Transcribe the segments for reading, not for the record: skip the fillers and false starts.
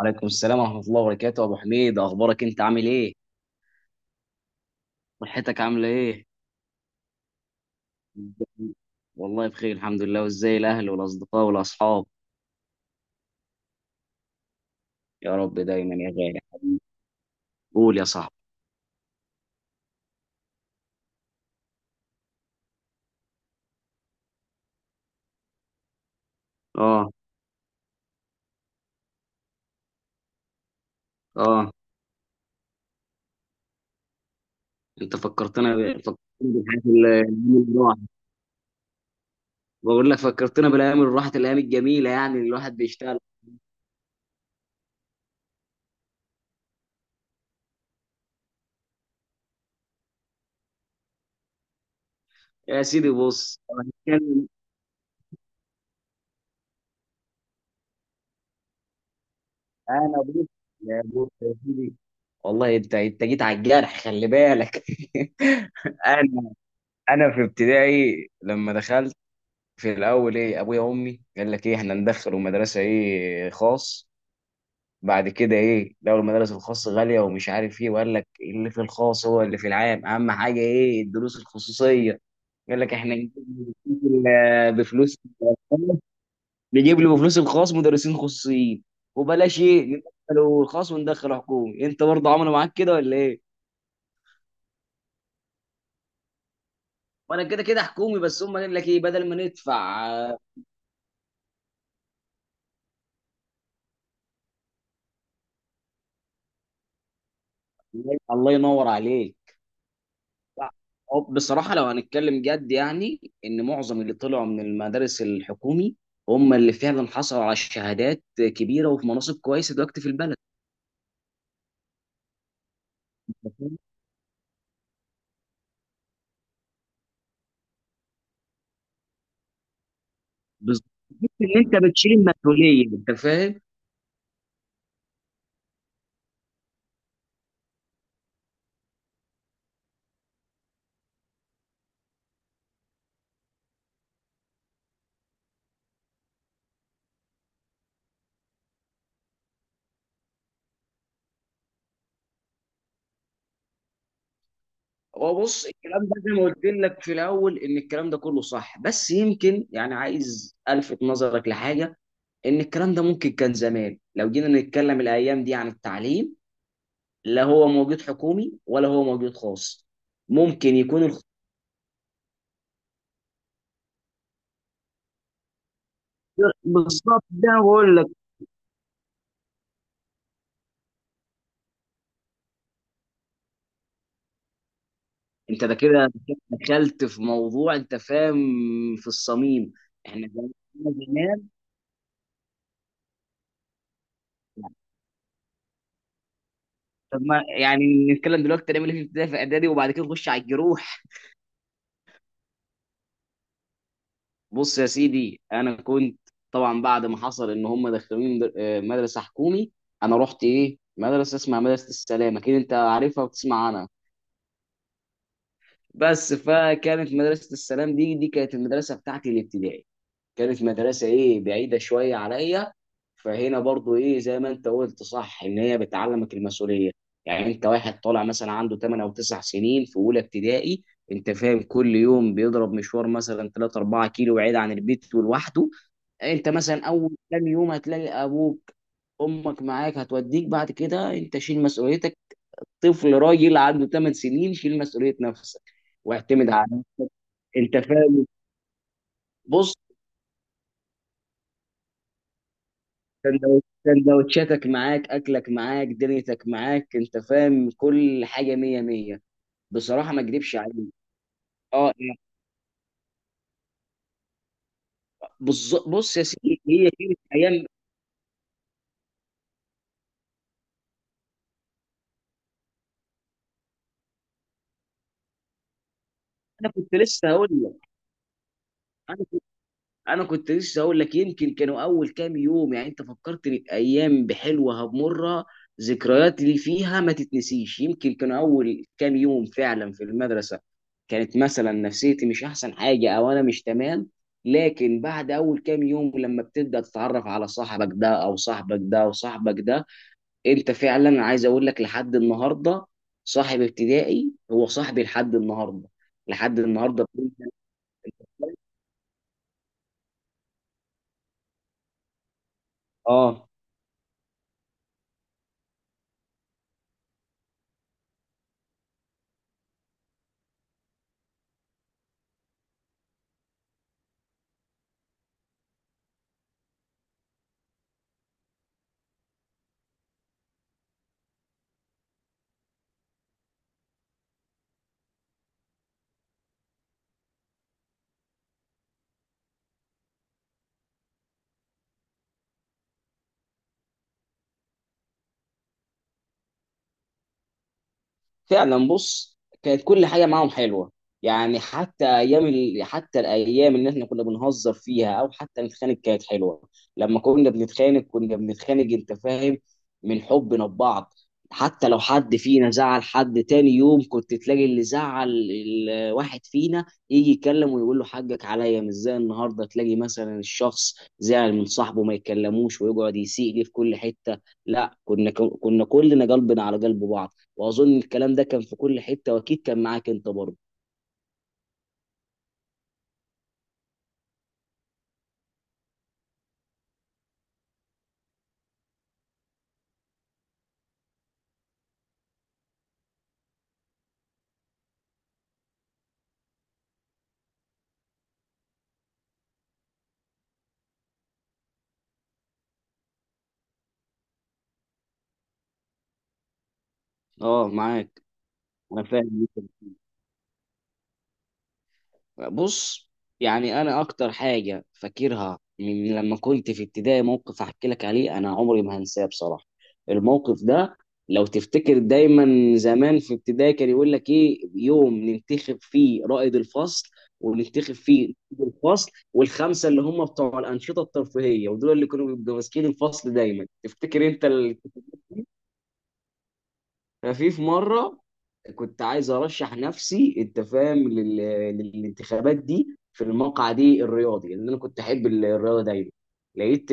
عليكم السلام ورحمة الله وبركاته، أبو حميد. أخبارك؟ أنت عامل إيه؟ صحتك عاملة إيه؟ والله بخير الحمد لله. وإزاي الأهل والأصدقاء والأصحاب؟ يا رب دايما يا غالي. قول يا صاحبي. آه. آه. أنت فكرتنا بالحاجات الأيام اللي راحت. بقول لك فكرتنا بالأيام اللي راحت، الأيام الجميلة، يعني اللي الواحد بيشتغل. يا سيدي بص أنا هتكلم. أنا بص. يا بص يا سيدي، والله أنت جيت على الجرح، خلي بالك. انا انا في ابتدائي لما دخلت، في الاول ايه، ابويا وامي قال لك ايه، احنا ندخله مدرسه ايه، خاص. بعد كده ايه، لو المدارس الخاص غاليه ومش عارف ايه، وقال لك اللي في الخاص هو اللي في العام، اهم حاجه ايه، الدروس الخصوصيه. قال لك احنا نجيب بفلوس. نجيب له بفلوس الخاص مدرسين خصوصيين. وبلاش ايه ندخله الخاص، وندخله حكومي. انت برضه عملوا معاك كده ولا ايه؟ وانا كده كده حكومي، بس هم قال لك ايه بدل ما ندفع. الله ينور عليك. هو بصراحة لو هنتكلم جد، يعني إن معظم اللي طلعوا من المدارس الحكومي هم اللي فعلا حصلوا على شهادات كبيرة وفي مناصب كويسة دلوقتي في البلد. أنت فاهم؟ بالظبط. تحس إن أنت بتشيل المسؤولية. أنت فاهم؟ هو بص، الكلام ده زي ما قلت لك في الأول إن الكلام ده كله صح، بس يمكن يعني عايز ألفت نظرك لحاجة. إن الكلام ده ممكن كان زمان، لو جينا نتكلم الأيام دي عن التعليم، لا هو موجود حكومي ولا هو موجود خاص. ممكن يكون. بالظبط، ده أنا بقول لك. انت ده كده دخلت في موضوع، انت فاهم، في الصميم. احنا زمان زمان- طب ما يعني نتكلم دلوقتي، نعمل ايه في ابتدائي، في اعدادي، وبعد كده نخش على الجروح. بص يا سيدي انا كنت. طبعا بعد ما حصل ان هم دخلوني مدرسه حكومي. انا رحت ايه، مدرسه اسمها مدرسه السلام، اكيد انت عارفها وبتسمع عنها. بس فكانت مدرسه السلام دي، كانت المدرسه بتاعتي الابتدائي. كانت مدرسة ايه بعيدة شوية عليا. فهنا برضو ايه زي ما انت قلت صح، ان هي بتعلمك المسؤولية. يعني انت واحد طالع مثلا عنده 8 او 9 سنين في اولى ابتدائي، انت فاهم، كل يوم بيضرب مشوار مثلا 3 4 كيلو بعيد عن البيت ولوحده. انت مثلا اول كام يوم هتلاقي ابوك امك معاك هتوديك، بعد كده انت شيل مسؤوليتك. طفل راجل عنده 8 سنين، شيل مسؤولية نفسك واعتمد على نفسك. انت فاهم؟ بص، سندوتشاتك معاك، اكلك معاك، دنيتك معاك. انت فاهم، كل حاجه مية مية. بصراحه ما اكدبش عليك. اه. بص يا سيدي، هي كانت ايام. انا كنت لسه هقول لك. انا كنت لسه اقول لك. يمكن كانوا اول كام يوم، يعني انت فكرتني بايام بحلوه هبمرها، ذكريات اللي فيها ما تتنسيش. يمكن كانوا اول كام يوم فعلا في المدرسه كانت مثلا نفسيتي مش احسن حاجه، او انا مش تمام. لكن بعد اول كام يوم، لما بتبدا تتعرف على صاحبك ده او صاحبك ده او صاحبك ده، انت فعلا عايز اقول لك لحد النهارده، صاحب ابتدائي هو صاحبي لحد النهارده، لحد النهارده. اه، فعلا. بص، كانت كل حاجه معاهم حلوه، يعني حتى الايام اللي احنا كنا بنهزر فيها او حتى نتخانق، كانت حلوه. لما كنا بنتخانق، كنا بنتخانق، انت فاهم، من حبنا ببعض. حتى لو حد فينا زعل حد، تاني يوم كنت تلاقي اللي زعل الواحد فينا يجي يتكلم ويقول له حقك عليا. مش زي النهارده تلاقي مثلا الشخص زعل من صاحبه ما يتكلموش ويقعد يسيء ليه في كل حته. لا، كنا كلنا قلبنا على قلب بعض. واظن الكلام ده كان في كل حته واكيد كان معاك انت برضه. اه معاك، انا فاهم. بص، يعني انا اكتر حاجه فاكرها من لما كنت في ابتدائي، موقف هحكي لك عليه انا عمري ما هنساه بصراحه. الموقف ده، لو تفتكر دايما، زمان في ابتدائي كان يقول لك ايه يوم ننتخب فيه رائد الفصل، وننتخب فيه نائب الفصل، والخمسه اللي هم بتوع الانشطه الترفيهيه، ودول اللي كانوا بيبقوا ماسكين الفصل دايما، تفتكر انت؟ في مره كنت عايز ارشح نفسي، انت فاهم، للانتخابات دي، في المقعد دي الرياضي، لان انا كنت احب الرياضه دايما. لقيت.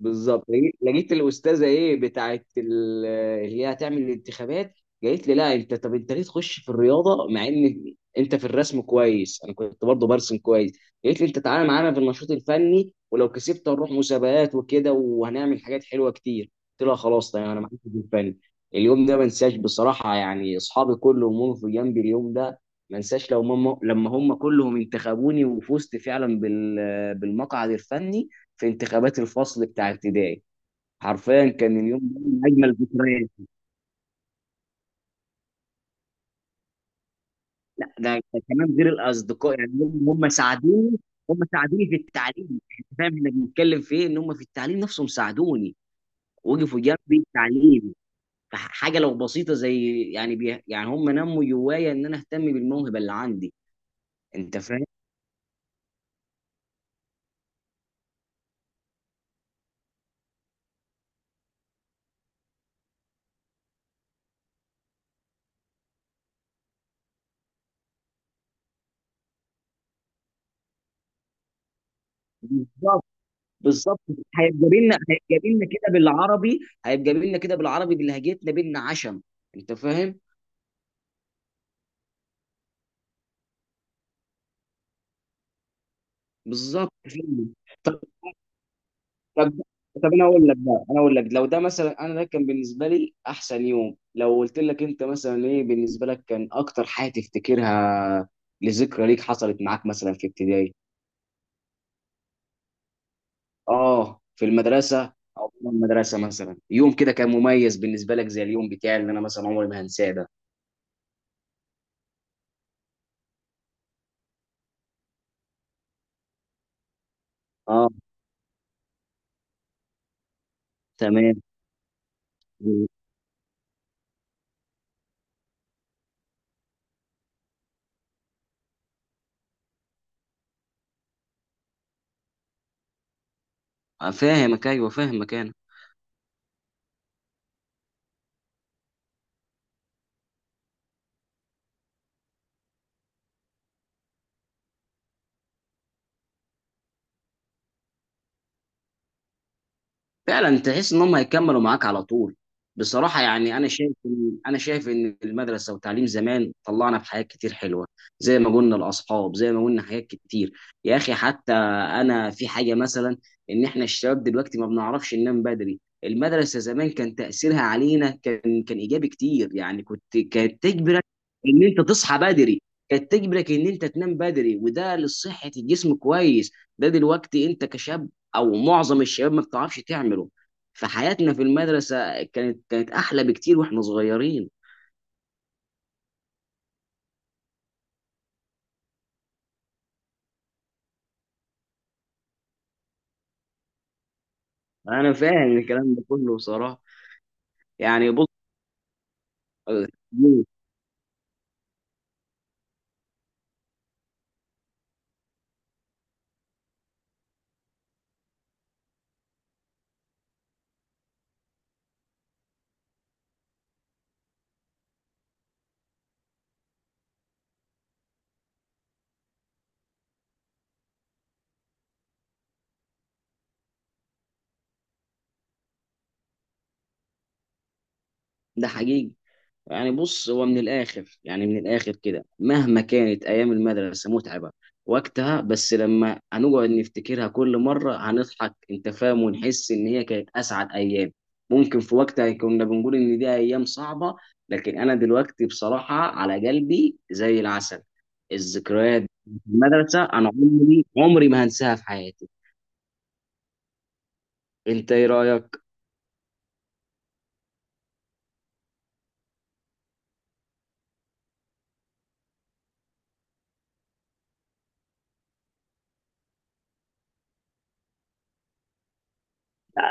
بالظبط، لقيت الاستاذه ايه بتاعت اللي هي هتعمل الانتخابات، قالت لي لا انت، طب انت ليه تخش في الرياضه، مع ان انت في الرسم كويس، انا كنت برضه برسم كويس. قالت لي انت تعالى معانا في النشاط الفني، ولو كسبت هنروح مسابقات وكده، وهنعمل حاجات حلوه كتير. قلت لها خلاص تمام، انا معاك في الفن. اليوم ده ما انساش بصراحه، يعني اصحابي كلهم وقفوا في جنبي اليوم ده. ما انساش لو ماما لما هم كلهم انتخبوني وفزت فعلا بالمقعد الفني في انتخابات الفصل بتاع ابتدائي. حرفيا كان اليوم ده من اجمل الذكريات. لا، ده كمان غير الاصدقاء. يعني هم ساعدوني. هم ساعدوني في التعليم، يعني أنت فاهم احنا بنتكلم في ايه، ان هم في التعليم نفسهم ساعدوني. وقفوا جنبي التعليم. حاجه لو بسيطه زي يعني بي يعني، هم نموا جوايا ان انا اهتم بالموهبه اللي عندي، انت فاهم. بالظبط. بالظبط. هيبقى بينا، هيبقى بينا كده بالعربي، هيبقى بينا كده بالعربي، بلهجتنا بينا عشم. انت فاهم. بالظبط فعلا. طب طب انا اقول لك بقى، انا اقول لك، لو ده مثلا، انا ده كان بالنسبه لي احسن يوم، لو قلت لك انت مثلا ايه بالنسبه لك كان اكتر حاجه تفتكرها، لذكرى ليك حصلت معاك مثلا في ابتدائي. اه في المدرسه، او في المدرسه مثلا يوم كده كان مميز بالنسبه لك، زي اليوم بتاعي اللي انا مثلا عمري ما هنساه ده. اه. تمام. فاهمك، ايوه فاهمك انا. فعلا تحس ان هم هيكملوا معاك على طول. بصراحه يعني انا انا شايف ان المدرسه وتعليم زمان طلعنا بحاجات كتير حلوه، زي ما قلنا الاصحاب، زي ما قلنا حاجات كتير. يا اخي، حتى انا في حاجه مثلا، ان احنا الشباب دلوقتي ما بنعرفش ننام بدري. المدرسه زمان كان تاثيرها علينا كان، ايجابي كتير، يعني كنت، كانت تجبرك ان انت تصحى بدري، كانت تجبرك ان انت تنام بدري، وده لصحه الجسم كويس. ده دلوقتي انت كشاب، او معظم الشباب، ما بتعرفش تعمله. فحياتنا في المدرسه كانت احلى بكتير واحنا صغيرين. انا فاهم الكلام ده كله صراحه. يعني بص. ده حقيقي. يعني بص، هو من الآخر، يعني من الآخر كده، مهما كانت أيام المدرسة متعبة وقتها، بس لما هنقعد نفتكرها كل مرة هنضحك، أنت فاهم، ونحس إن هي كانت أسعد أيام. ممكن في وقتها كنا بنقول إن دي أيام صعبة، لكن أنا دلوقتي بصراحة على قلبي زي العسل. الذكريات في المدرسة أنا عمري ما هنساها في حياتي. أنت إيه رأيك؟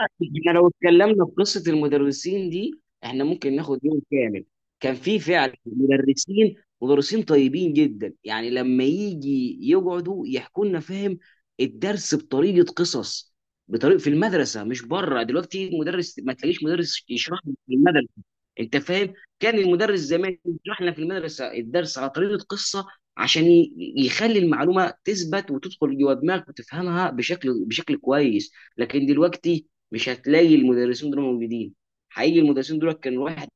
احنا لو اتكلمنا في قصة المدرسين دي، احنا ممكن ناخد يوم كامل. كان في فعلا مدرسين، طيبين جدا، يعني لما يجي يقعدوا يحكوا لنا، فاهم، الدرس بطريقة قصص، بطريقة في المدرسة، مش بره. دلوقتي مدرس، ما تلاقيش مدرس يشرح لك في المدرسة. انت فاهم. كان المدرس زمان يشرح لنا في المدرسة الدرس على طريقة قصة، عشان يخلي المعلومة تثبت وتدخل جوه دماغك وتفهمها بشكل كويس. لكن دلوقتي مش هتلاقي المدرسين دول موجودين. حقيقي المدرسين دول كانوا واحد.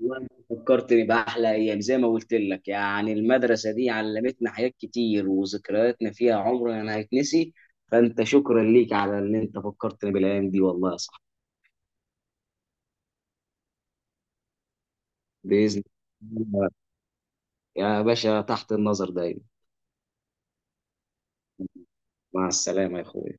والله فكرتني بأحلى أيام، زي ما قلت لك. يعني المدرسة دي علمتنا حاجات كتير وذكرياتنا فيها عمرنا ما هيتنسي. فأنت شكرا ليك على إن أنت فكرتني بالأيام دي، والله يا صاحبي. بإذن الله يا باشا، تحت النظر دايما. مع السلامة يا أخوي.